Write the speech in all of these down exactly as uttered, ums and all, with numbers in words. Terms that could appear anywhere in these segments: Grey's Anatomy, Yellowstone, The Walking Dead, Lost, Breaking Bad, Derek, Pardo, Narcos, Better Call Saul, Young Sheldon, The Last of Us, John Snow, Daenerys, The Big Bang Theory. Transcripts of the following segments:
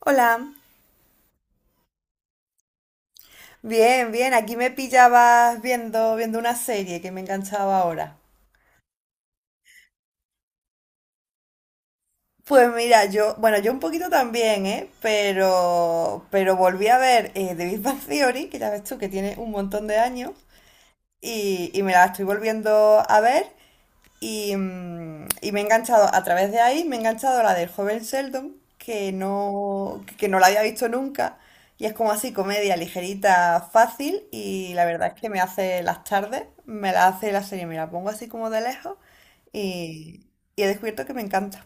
Hola, bien, bien, aquí me pillabas viendo, viendo una serie que me enganchaba ahora. Pues mira, yo, bueno, yo un poquito también, ¿eh? Pero, pero volví a ver eh, The Big Bang Theory, que ya ves tú que tiene un montón de años, y, y me la estoy volviendo a ver. Y, mm, y me he enganchado, a través de ahí, me he enganchado a la del joven Sheldon, que no, que no la había visto nunca. Y es como así, comedia ligerita, fácil. Y la verdad es que me hace las tardes, me la hace la serie, me la pongo así como de lejos. Y, y he descubierto que me encanta.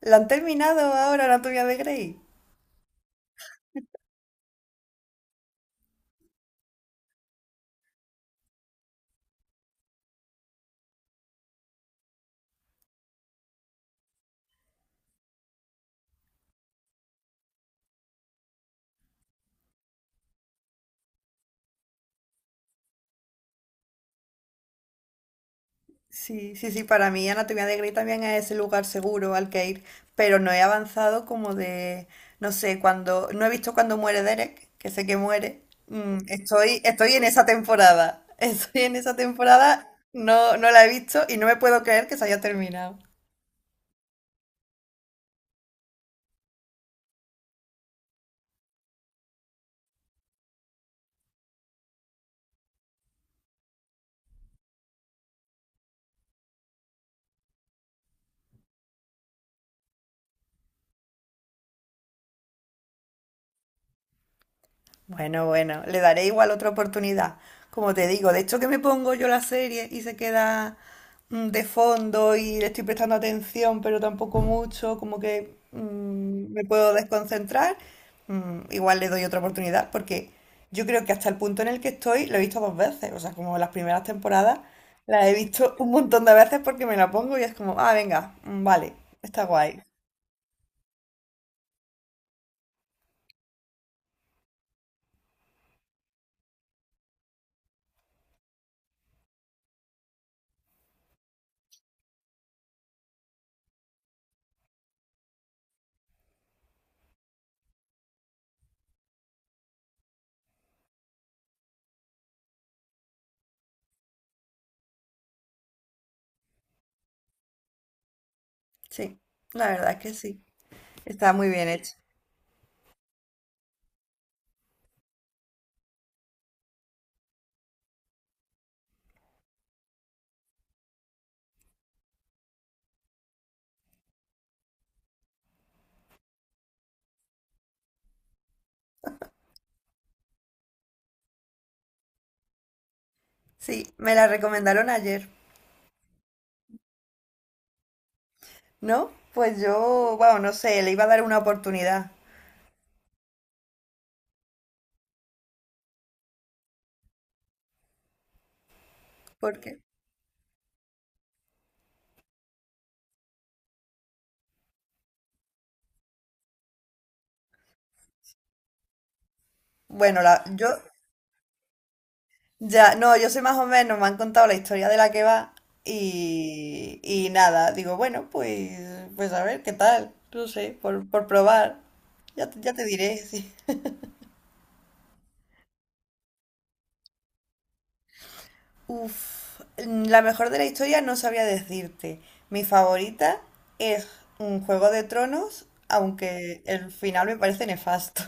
¿La han terminado ahora, Anatomía de Grey? Sí, sí, sí, para mí Anatomía de Grey también es ese lugar seguro al que ir, pero no he avanzado como de, no sé, cuando, no he visto cuando muere Derek, que sé que muere, mm, estoy, estoy en esa temporada, estoy en esa temporada, no, no la he visto y no me puedo creer que se haya terminado. Bueno, bueno, le daré igual otra oportunidad. Como te digo, de hecho que me pongo yo la serie y se queda mm, de fondo y le estoy prestando atención, pero tampoco mucho, como que mm, me puedo desconcentrar. Mm, igual le doy otra oportunidad porque yo creo que hasta el punto en el que estoy lo he visto dos veces, o sea, como las primeras temporadas las he visto un montón de veces porque me la pongo y es como, ah, venga, mm, vale, está guay. Sí, la verdad es que sí, está muy bien hecho. Sí, me la recomendaron ayer. ¿No? Pues yo, bueno, no sé, le iba a dar una oportunidad. porque, Bueno, la, yo, ya, no, yo sé más o menos, me han contado la historia de la que va y, y nada, digo, bueno, pues, pues a ver, ¿qué tal? No sé, por, por probar. Ya, te- ya te diré, sí. Uf, la mejor de la historia no sabría decirte. Mi favorita es un Juego de Tronos, aunque el final me parece nefasto.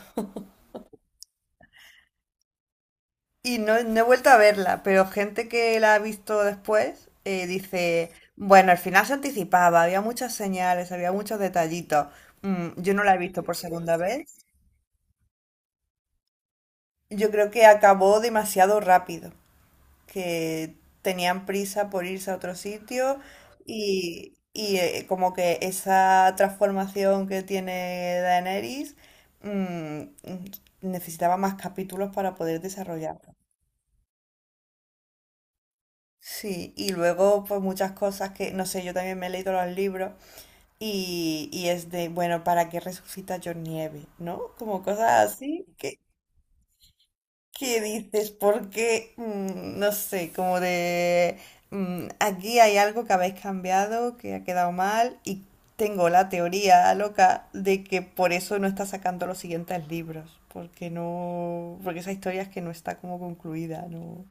Y no, no he vuelto a verla, pero gente que la ha visto después eh, dice, bueno, al final se anticipaba, había muchas señales, había muchos detallitos. Mm, yo no la he visto por segunda vez. Yo creo que acabó demasiado rápido, que tenían prisa por irse a otro sitio y, y, eh, como que esa transformación que tiene Daenerys mm, mm, necesitaba más capítulos para poder desarrollar. Sí, y luego pues muchas cosas que, no sé, yo también me he leído los libros y, y es de, bueno, ¿para qué resucita John Nieve? ¿No? Como cosas así que, que dices, porque, mm, no sé, como de, mm, aquí hay algo que habéis cambiado, que ha quedado mal y tengo la teoría loca de que por eso no está sacando los siguientes libros, porque no, porque esa historia es que no está como concluida, ¿no?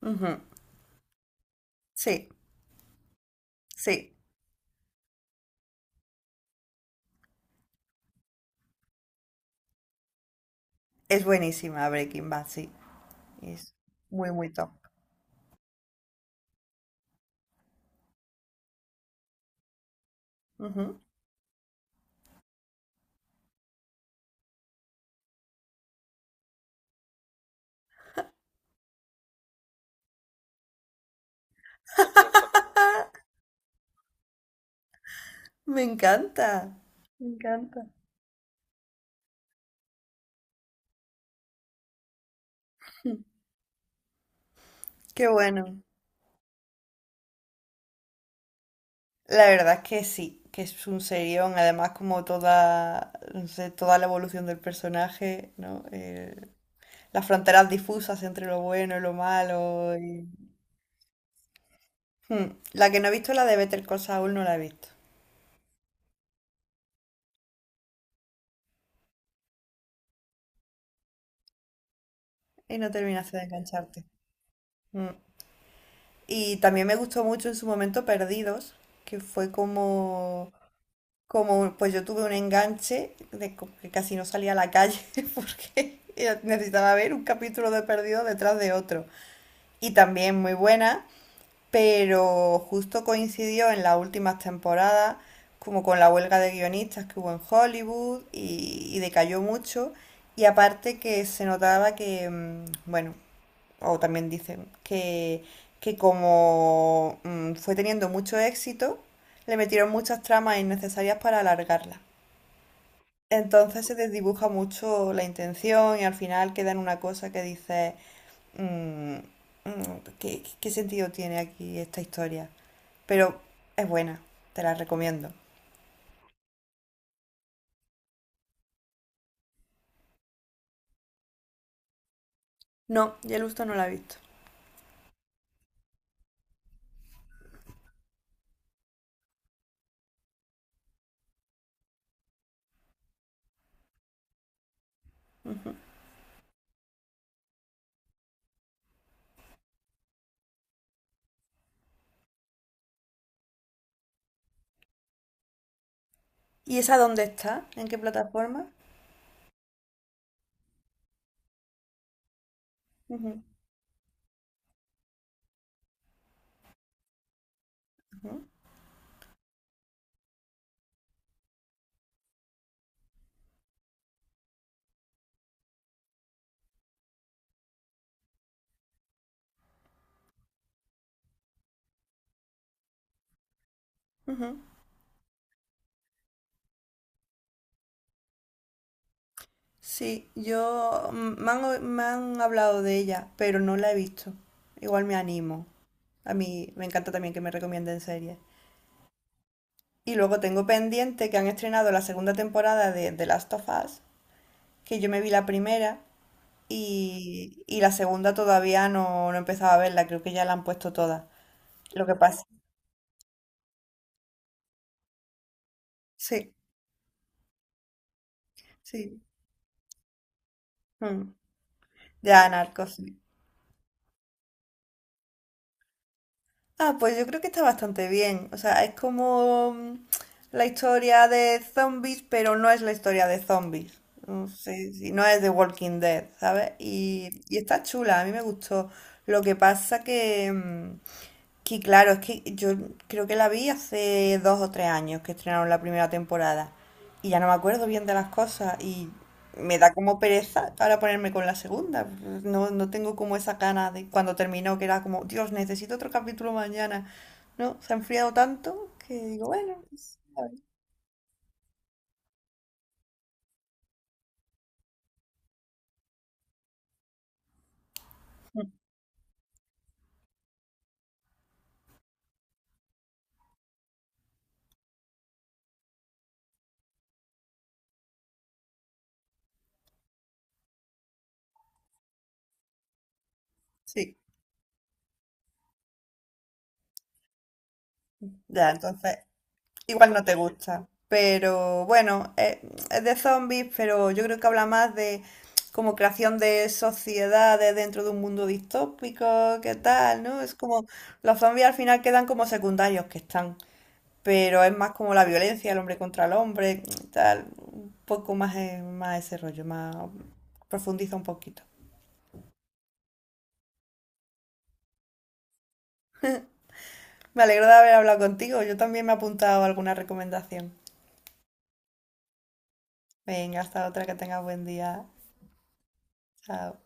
Ujú, sí, sí. Es buenísima Breaking Bad, sí. Es muy, muy top. Ujú. ¡Ah! Me encanta. Me encanta. Qué bueno. La verdad es que sí, que es un serión. Además, como toda, no sé, toda la evolución del personaje, ¿no? Eh, las fronteras difusas entre lo bueno y lo malo. y- Hmm. La que no he visto, la de Better Call Saul, no la he visto. Y no terminaste de engancharte. Mm. Y también me gustó mucho en su momento Perdidos, que fue como como pues yo tuve un enganche de co- que casi no salía a la calle porque necesitaba ver un capítulo de Perdido detrás de otro. Y también muy buena, pero justo coincidió en las últimas temporadas como con la huelga de guionistas que hubo en Hollywood y, y decayó mucho. Y aparte que se notaba que, mm, bueno, o también dicen que, que como mm, fue teniendo mucho éxito, le metieron muchas tramas innecesarias para alargarla. Entonces se desdibuja mucho la intención y al final queda en una cosa que dice, mm, mm, ¿qué, qué sentido tiene aquí esta historia? Pero es buena, te la recomiendo. No, Yellowstone no la he visto. Ujú. ¿Y esa dónde está? ¿En qué plataforma? Ujú, ujú, ujú. Sí, yo mm, me han, o- me han hablado de ella, pero no la he visto. Igual me animo. A mí me encanta también que me recomienden series. Y luego tengo pendiente que han estrenado la segunda temporada de The Last of Us, que yo me vi la primera y, y la segunda todavía no, no he empezado a verla, creo que ya la han puesto toda. Lo que pasa. Sí, sí. Mm, ya, Narcos, sí. Ah, pues yo creo que está bastante bien. O sea, es como mm, la historia de zombies, pero no es la historia de zombies. No sé, si no es de Walking Dead, ¿sabes? Y, y está chula, a mí me gustó. Lo que pasa que... mm, Que claro, es que yo creo que la vi hace dos o tres años que estrenaron la primera temporada y ya no me acuerdo bien de las cosas y me da como pereza ahora ponerme con la segunda. No, no tengo como esa gana de cuando terminó que era como, Dios, necesito otro capítulo mañana. No, se ha enfriado tanto que digo, bueno, pues, a ver. Sí. Ya, entonces igual no te gusta, pero bueno, eh, es de zombies, pero yo creo que habla más de como creación de sociedades dentro de un mundo distópico, qué tal, ¿no? Es como los zombies al final quedan como secundarios que están, pero es más como la violencia, el hombre contra el hombre, tal, un poco más, eh, más ese rollo, más profundiza un poquito. Me alegro de haber hablado contigo, yo también me he apuntado alguna recomendación. Venga, hasta otra, que tengas buen día. Chao.